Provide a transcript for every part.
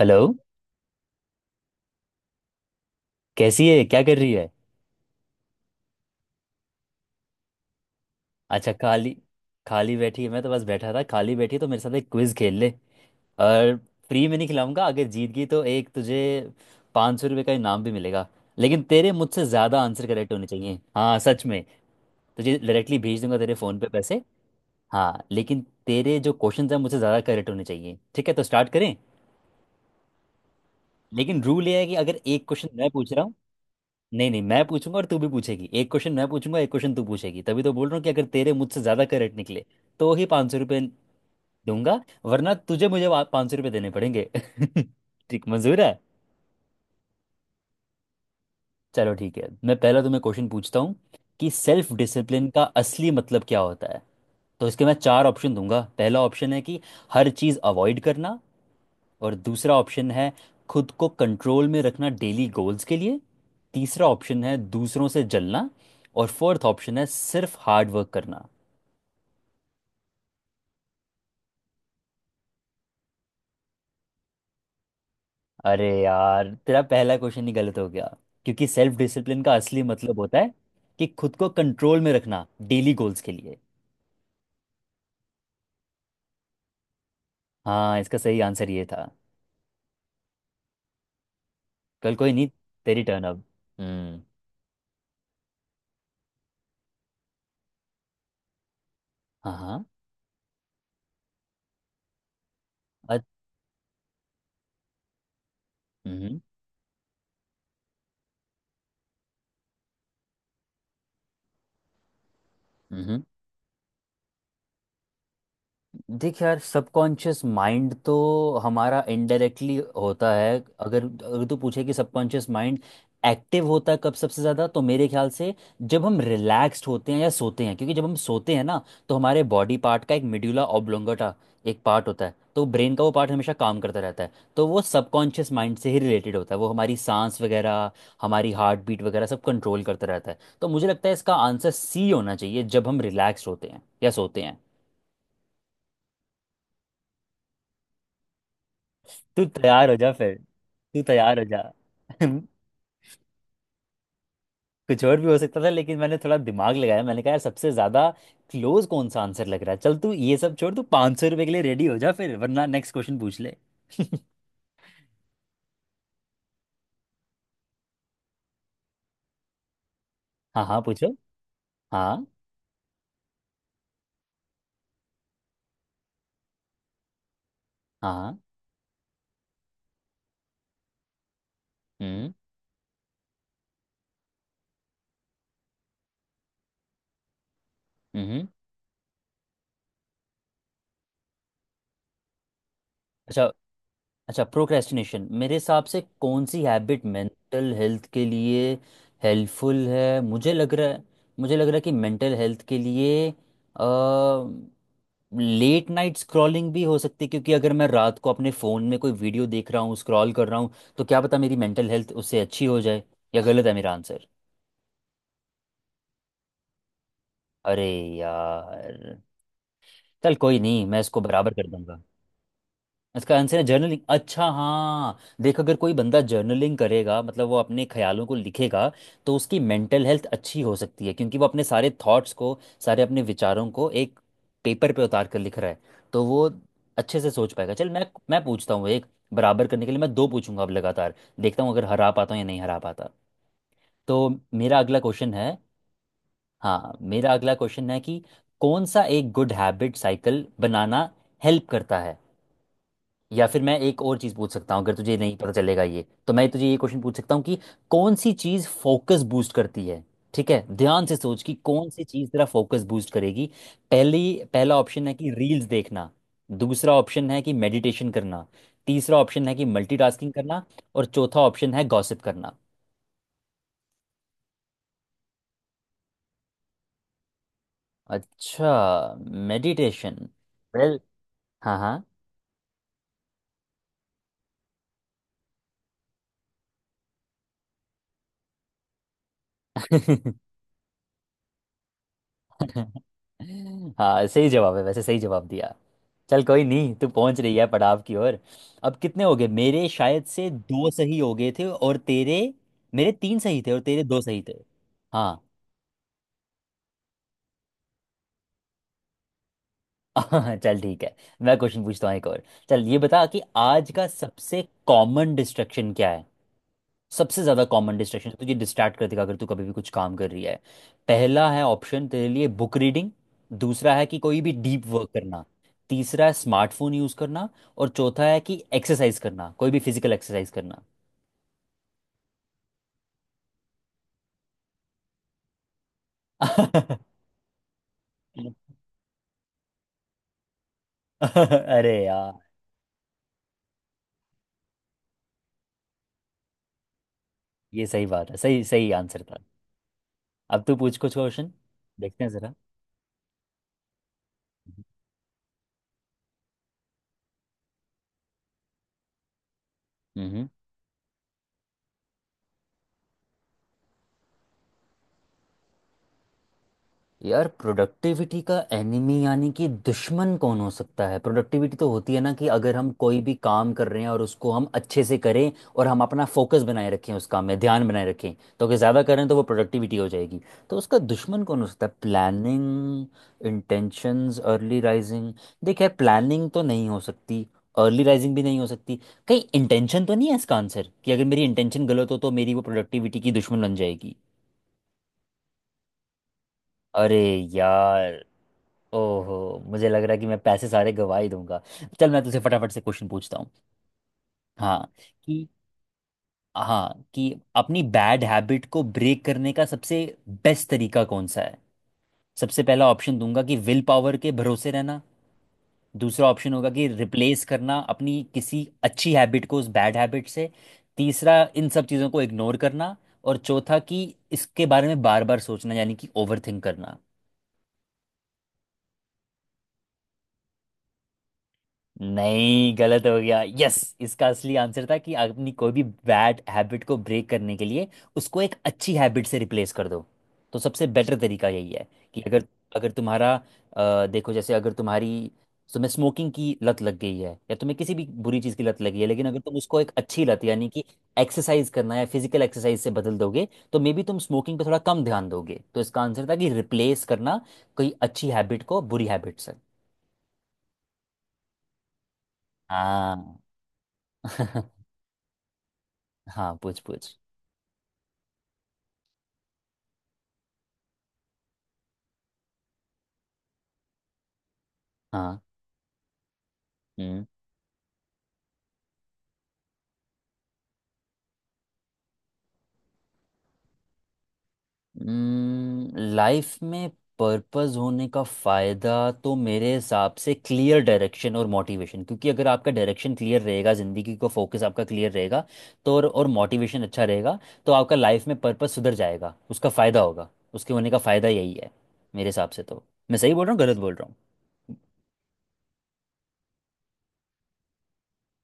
Hello. कैसी है? क्या कर रही है? अच्छा। खाली खाली बैठी है। मैं तो बस बैठा था। खाली बैठी है, तो मेरे साथ एक क्विज खेल ले। और फ्री में नहीं खिलाऊंगा। अगर जीत गई तो एक तुझे 500 रुपये का इनाम भी मिलेगा। लेकिन तेरे मुझसे ज़्यादा आंसर करेक्ट होने चाहिए। हाँ सच में। तुझे डायरेक्टली भेज दूंगा तेरे फ़ोन पे पैसे। हाँ, लेकिन तेरे जो क्वेश्चन हैं मुझसे ज़्यादा करेक्ट होने चाहिए। ठीक है, तो स्टार्ट करें। लेकिन रूल ये है कि अगर एक क्वेश्चन मैं पूछ रहा हूँ। नहीं नहीं, मैं पूछूंगा और तू भी पूछेगी। एक क्वेश्चन मैं पूछूंगा, एक क्वेश्चन तू पूछेगी। तभी तो बोल रहा हूँ कि अगर तेरे मुझसे ज़्यादा करेक्ट निकले तो ही 500 रुपये दूंगा। वरना तुझे मुझे 500 रुपये देने पड़ेंगे। ठीक। मंजूर है? चलो ठीक है। मैं पहला तुम्हें क्वेश्चन पूछता हूँ कि सेल्फ डिसिप्लिन का असली मतलब क्या होता है? तो इसके मैं चार ऑप्शन दूंगा। पहला ऑप्शन है कि हर चीज़ अवॉइड करना। और दूसरा ऑप्शन है खुद को कंट्रोल में रखना डेली गोल्स के लिए। तीसरा ऑप्शन है दूसरों से जलना। और फोर्थ ऑप्शन है सिर्फ हार्ड वर्क करना। अरे यार, तेरा पहला क्वेश्चन ही गलत हो गया। क्योंकि सेल्फ डिसिप्लिन का असली मतलब होता है कि खुद को कंट्रोल में रखना डेली गोल्स के लिए। हाँ, इसका सही आंसर ये था। कल कोई नहीं। तेरी टर्न अब। हम्म। हाँ हाँ। अ- हम्म। हम्म। देख यार, सबकॉन्शियस माइंड तो हमारा इनडायरेक्टली होता है। अगर अगर तू पूछे कि सबकॉन्शियस माइंड एक्टिव होता है कब सबसे ज़्यादा, तो मेरे ख्याल से जब हम रिलैक्स्ड होते हैं या सोते हैं। क्योंकि जब हम सोते हैं ना, तो हमारे बॉडी पार्ट का एक मिड्यूला ऑब्लोंगेटा एक पार्ट होता है। तो ब्रेन का वो पार्ट हमेशा काम करता रहता है। तो वो सबकॉन्शियस माइंड से ही रिलेटेड होता है। वो हमारी सांस वगैरह, हमारी हार्ट बीट वगैरह सब कंट्रोल करता रहता है। तो मुझे लगता है इसका आंसर सी होना चाहिए, जब हम रिलैक्स्ड होते हैं या सोते हैं। तू तैयार हो जा फिर। तू तैयार हो जा। कुछ और भी हो सकता था, लेकिन मैंने थोड़ा दिमाग लगाया। मैंने कहा यार सबसे ज्यादा क्लोज कौन सा आंसर लग रहा है। चल तू ये सब छोड़, तू 500 रुपये के लिए रेडी हो जा फिर, वरना नेक्स्ट क्वेश्चन पूछ ले। हाँ हाँ, पूछो। हाँ हाँ। हाँ। हम्म। हम्म। हम्म। अच्छा। अच्छा, प्रोक्रेस्टिनेशन मेरे हिसाब से कौन सी हैबिट मेंटल हेल्थ के लिए हेल्पफुल है? मुझे लग रहा है। मुझे लग रहा है कि मेंटल हेल्थ के लिए लेट नाइट स्क्रॉलिंग भी हो सकती है। क्योंकि अगर मैं रात को अपने फ़ोन में कोई वीडियो देख रहा हूँ, स्क्रॉल कर रहा हूँ, तो क्या पता मेरी मेंटल हेल्थ उससे अच्छी हो जाए। या गलत है मेरा आंसर? अरे यार। चल कोई नहीं, मैं इसको बराबर कर दूंगा। इसका आंसर है जर्नलिंग। अच्छा हाँ, देखो अगर कोई बंदा जर्नलिंग करेगा, मतलब वो अपने ख्यालों को लिखेगा, तो उसकी मेंटल हेल्थ अच्छी हो सकती है। क्योंकि वो अपने सारे थॉट्स को, सारे अपने विचारों को एक पेपर पे उतार कर लिख रहा है। तो वो अच्छे से सोच पाएगा। चल मैं पूछता हूँ एक। बराबर करने के लिए मैं दो पूछूंगा अब लगातार। देखता हूँ अगर हरा पाता हूँ या नहीं हरा पाता। तो मेरा अगला क्वेश्चन है। हाँ, मेरा अगला क्वेश्चन है कि कौन सा एक गुड हैबिट साइकिल बनाना हेल्प करता है? या फिर मैं एक और चीज़ पूछ सकता हूँ, अगर तुझे नहीं पता चलेगा ये तो मैं तुझे ये क्वेश्चन पूछ सकता हूँ कि कौन सी चीज़ फोकस बूस्ट करती है? ठीक है, ध्यान से सोच कि कौन सी चीज़ तेरा फोकस बूस्ट करेगी। पहली, पहला ऑप्शन है कि रील्स देखना। दूसरा ऑप्शन है कि मेडिटेशन करना। तीसरा ऑप्शन है कि मल्टीटास्किंग करना। और चौथा ऑप्शन है गॉसिप करना। अच्छा, मेडिटेशन। वेल। हाँ। हाँ। हाँ सही जवाब है, वैसे सही जवाब दिया। चल कोई नहीं, तू पहुंच रही है पड़ाव की ओर। अब कितने हो गए मेरे, शायद से दो सही हो गए थे। और तेरे, मेरे तीन सही थे और तेरे दो सही थे। हाँ। चल ठीक है। मैं क्वेश्चन पूछता हूँ एक और। चल ये बता कि आज का सबसे कॉमन डिस्ट्रक्शन क्या है? सबसे ज़्यादा कॉमन डिस्ट्रैक्शन तुझे डिस्ट्रैक्ट कर देगा, अगर तू कभी भी कुछ काम कर रही है। पहला है ऑप्शन तेरे लिए बुक रीडिंग। दूसरा है कि कोई भी डीप वर्क करना। तीसरा है स्मार्टफोन यूज़ करना। और चौथा है कि एक्सरसाइज करना, कोई भी फिजिकल एक्सरसाइज करना। अरे यार, ये सही बात है। सही, सही आंसर था। अब तू पूछ कुछ क्वेश्चन। देखते हैं ज़रा। यार, प्रोडक्टिविटी का एनिमी यानी कि दुश्मन कौन हो सकता है? प्रोडक्टिविटी तो होती है ना कि अगर हम कोई भी काम कर रहे हैं, और उसको हम अच्छे से करें, और हम अपना फोकस बनाए रखें, उस काम में ध्यान बनाए रखें, तो अगर ज़्यादा करें तो वो प्रोडक्टिविटी हो जाएगी। तो उसका दुश्मन कौन हो सकता है? Planning, intentions, early rising. देख यार, प्लानिंग तो नहीं हो सकती। अर्ली राइजिंग भी नहीं हो सकती। कहीं इंटेंशन तो नहीं है इसका आंसर, कि अगर मेरी इंटेंशन गलत हो तो मेरी वो प्रोडक्टिविटी की दुश्मन बन जाएगी। अरे यार। ओहो, मुझे लग रहा है कि मैं पैसे सारे गवा ही दूंगा। चल मैं तुझसे फटाफट से क्वेश्चन पूछता हूँ। हाँ कि, हाँ कि अपनी बैड हैबिट को ब्रेक करने का सबसे बेस्ट तरीका कौन सा है? सबसे पहला ऑप्शन दूंगा कि विल पावर के भरोसे रहना। दूसरा ऑप्शन होगा कि रिप्लेस करना अपनी किसी अच्छी हैबिट को उस बैड हैबिट से। तीसरा, इन सब चीज़ों को इग्नोर करना। और चौथा, कि इसके बारे में बार बार सोचना, यानी कि ओवर थिंक करना। नहीं, गलत हो गया। यस, इसका असली आंसर था कि अपनी कोई भी बैड हैबिट को ब्रेक करने के लिए उसको एक अच्छी हैबिट से रिप्लेस कर दो। तो सबसे बेटर तरीका यही है कि अगर, अगर तुम्हारा, देखो जैसे अगर तुम्हारी, तुम्हें स्मोकिंग की लत लग गई है, या तुम्हें किसी भी बुरी चीज़ की लत लगी है, लेकिन अगर तुम उसको एक अच्छी लत यानी कि एक्सरसाइज करना या फिजिकल एक्सरसाइज से बदल दोगे, तो मे बी तुम स्मोकिंग पे थोड़ा कम ध्यान दोगे। तो इसका आंसर था कि रिप्लेस करना कोई अच्छी हैबिट को बुरी हैबिट से। हाँ। हाँ, पूछ पूछ। हाँ। हम्म। लाइफ में पर्पस होने का फायदा तो मेरे हिसाब से क्लियर डायरेक्शन और मोटिवेशन, क्योंकि अगर आपका डायरेक्शन क्लियर रहेगा, जिंदगी का फोकस आपका क्लियर रहेगा, तो और मोटिवेशन अच्छा रहेगा, तो आपका लाइफ में पर्पस सुधर जाएगा, उसका फायदा होगा। उसके होने का फायदा यही है मेरे हिसाब से तो। मैं सही बोल रहा हूँ गलत बोल रहा हूँ?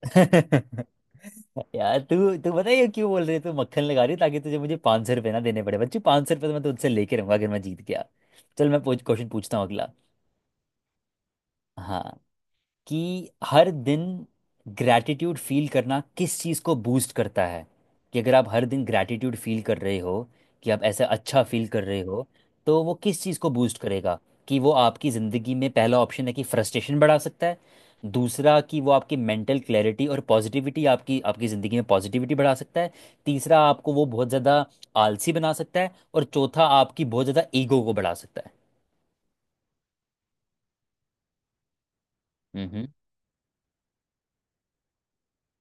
यार तू, तू बताइए क्यों बोल रही है। तू मक्खन लगा रही है ताकि तुझे मुझे पाँच सौ रुपये ना देने पड़े। बच्ची 500 रुपये तो मैं तुझसे लेके रहूंगा अगर मैं जीत गया। चल मैं पूछ, क्वेश्चन पूछता हूँ अगला। हाँ, कि हर दिन ग्रैटिट्यूड फील करना किस चीज़ को बूस्ट करता है? कि अगर आप हर दिन ग्रैटिट्यूड फील कर रहे हो, कि आप ऐसा अच्छा फील कर रहे हो, तो वो किस चीज़ को बूस्ट करेगा? कि वो आपकी ज़िंदगी में, पहला ऑप्शन है कि फ्रस्ट्रेशन बढ़ा सकता है। दूसरा, कि वो आपकी मेंटल क्लैरिटी और पॉजिटिविटी, आपकी आपकी ज़िंदगी में पॉजिटिविटी बढ़ा सकता है। तीसरा, आपको वो बहुत ज़्यादा आलसी बना सकता है। और चौथा, आपकी बहुत ज़्यादा ईगो को बढ़ा सकता है।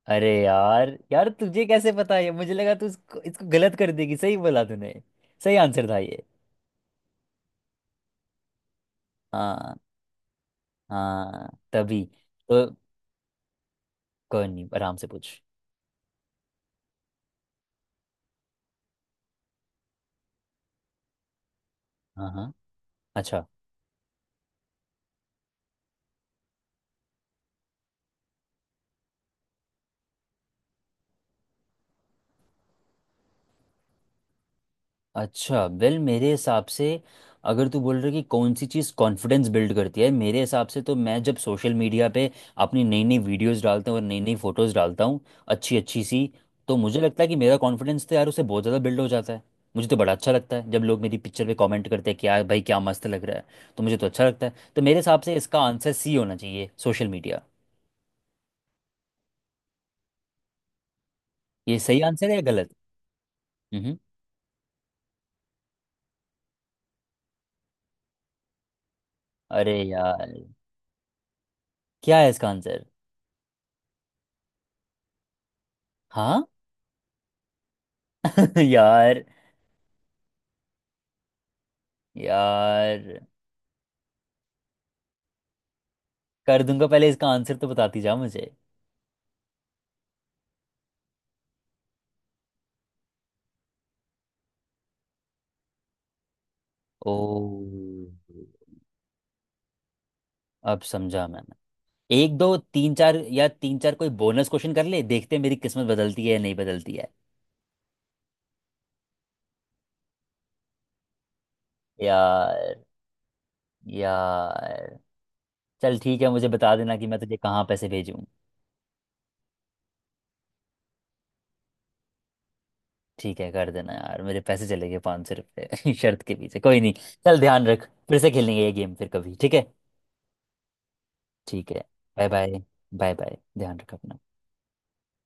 अरे यार, यार तुझे कैसे पता है? मुझे लगा तू इसको गलत कर देगी। सही बोला तूने। सही आंसर था ये। हाँ, हाँ तभी तो। कोई नहीं आराम से पूछ। हाँ हाँ। अच्छा। अच्छा वेल, मेरे हिसाब से अगर तू बोल रहा है कि कौन सी चीज़ कॉन्फिडेंस बिल्ड करती है, मेरे हिसाब से तो मैं जब सोशल मीडिया पे अपनी नई नई वीडियोस डालता हूँ और नई नई फोटोज़ डालता हूँ, अच्छी अच्छी सी, तो मुझे लगता है कि मेरा कॉन्फिडेंस तो यार उससे बहुत ज़्यादा बिल्ड हो जाता है। मुझे तो बड़ा अच्छा लगता है जब लोग मेरी पिक्चर पे कमेंट करते हैं कि यार भाई क्या मस्त लग रहा है। तो मुझे तो अच्छा लगता है। तो मेरे हिसाब से इसका आंसर सी होना चाहिए, सोशल मीडिया। ये सही आंसर है या गलत? हम्म। अरे यार, क्या है इसका आंसर? हाँ। यार, यार कर दूंगा, पहले इसका आंसर तो बताती जा मुझे। ओ, अब समझा मैंने। एक दो तीन चार, या तीन चार कोई बोनस क्वेश्चन कर ले, देखते हैं मेरी किस्मत बदलती है या नहीं बदलती है। यार। यार, चल ठीक है, मुझे बता देना कि मैं तुझे कहाँ पैसे भेजूँ। ठीक है, कर देना यार। मेरे पैसे चले गए 500 रुपये। शर्त के पीछे, कोई नहीं। चल ध्यान रख, फिर से खेलेंगे ये गेम फिर कभी, ठीक है। ठीक है। Bye bye. Bye bye. ध्यान रख अपना।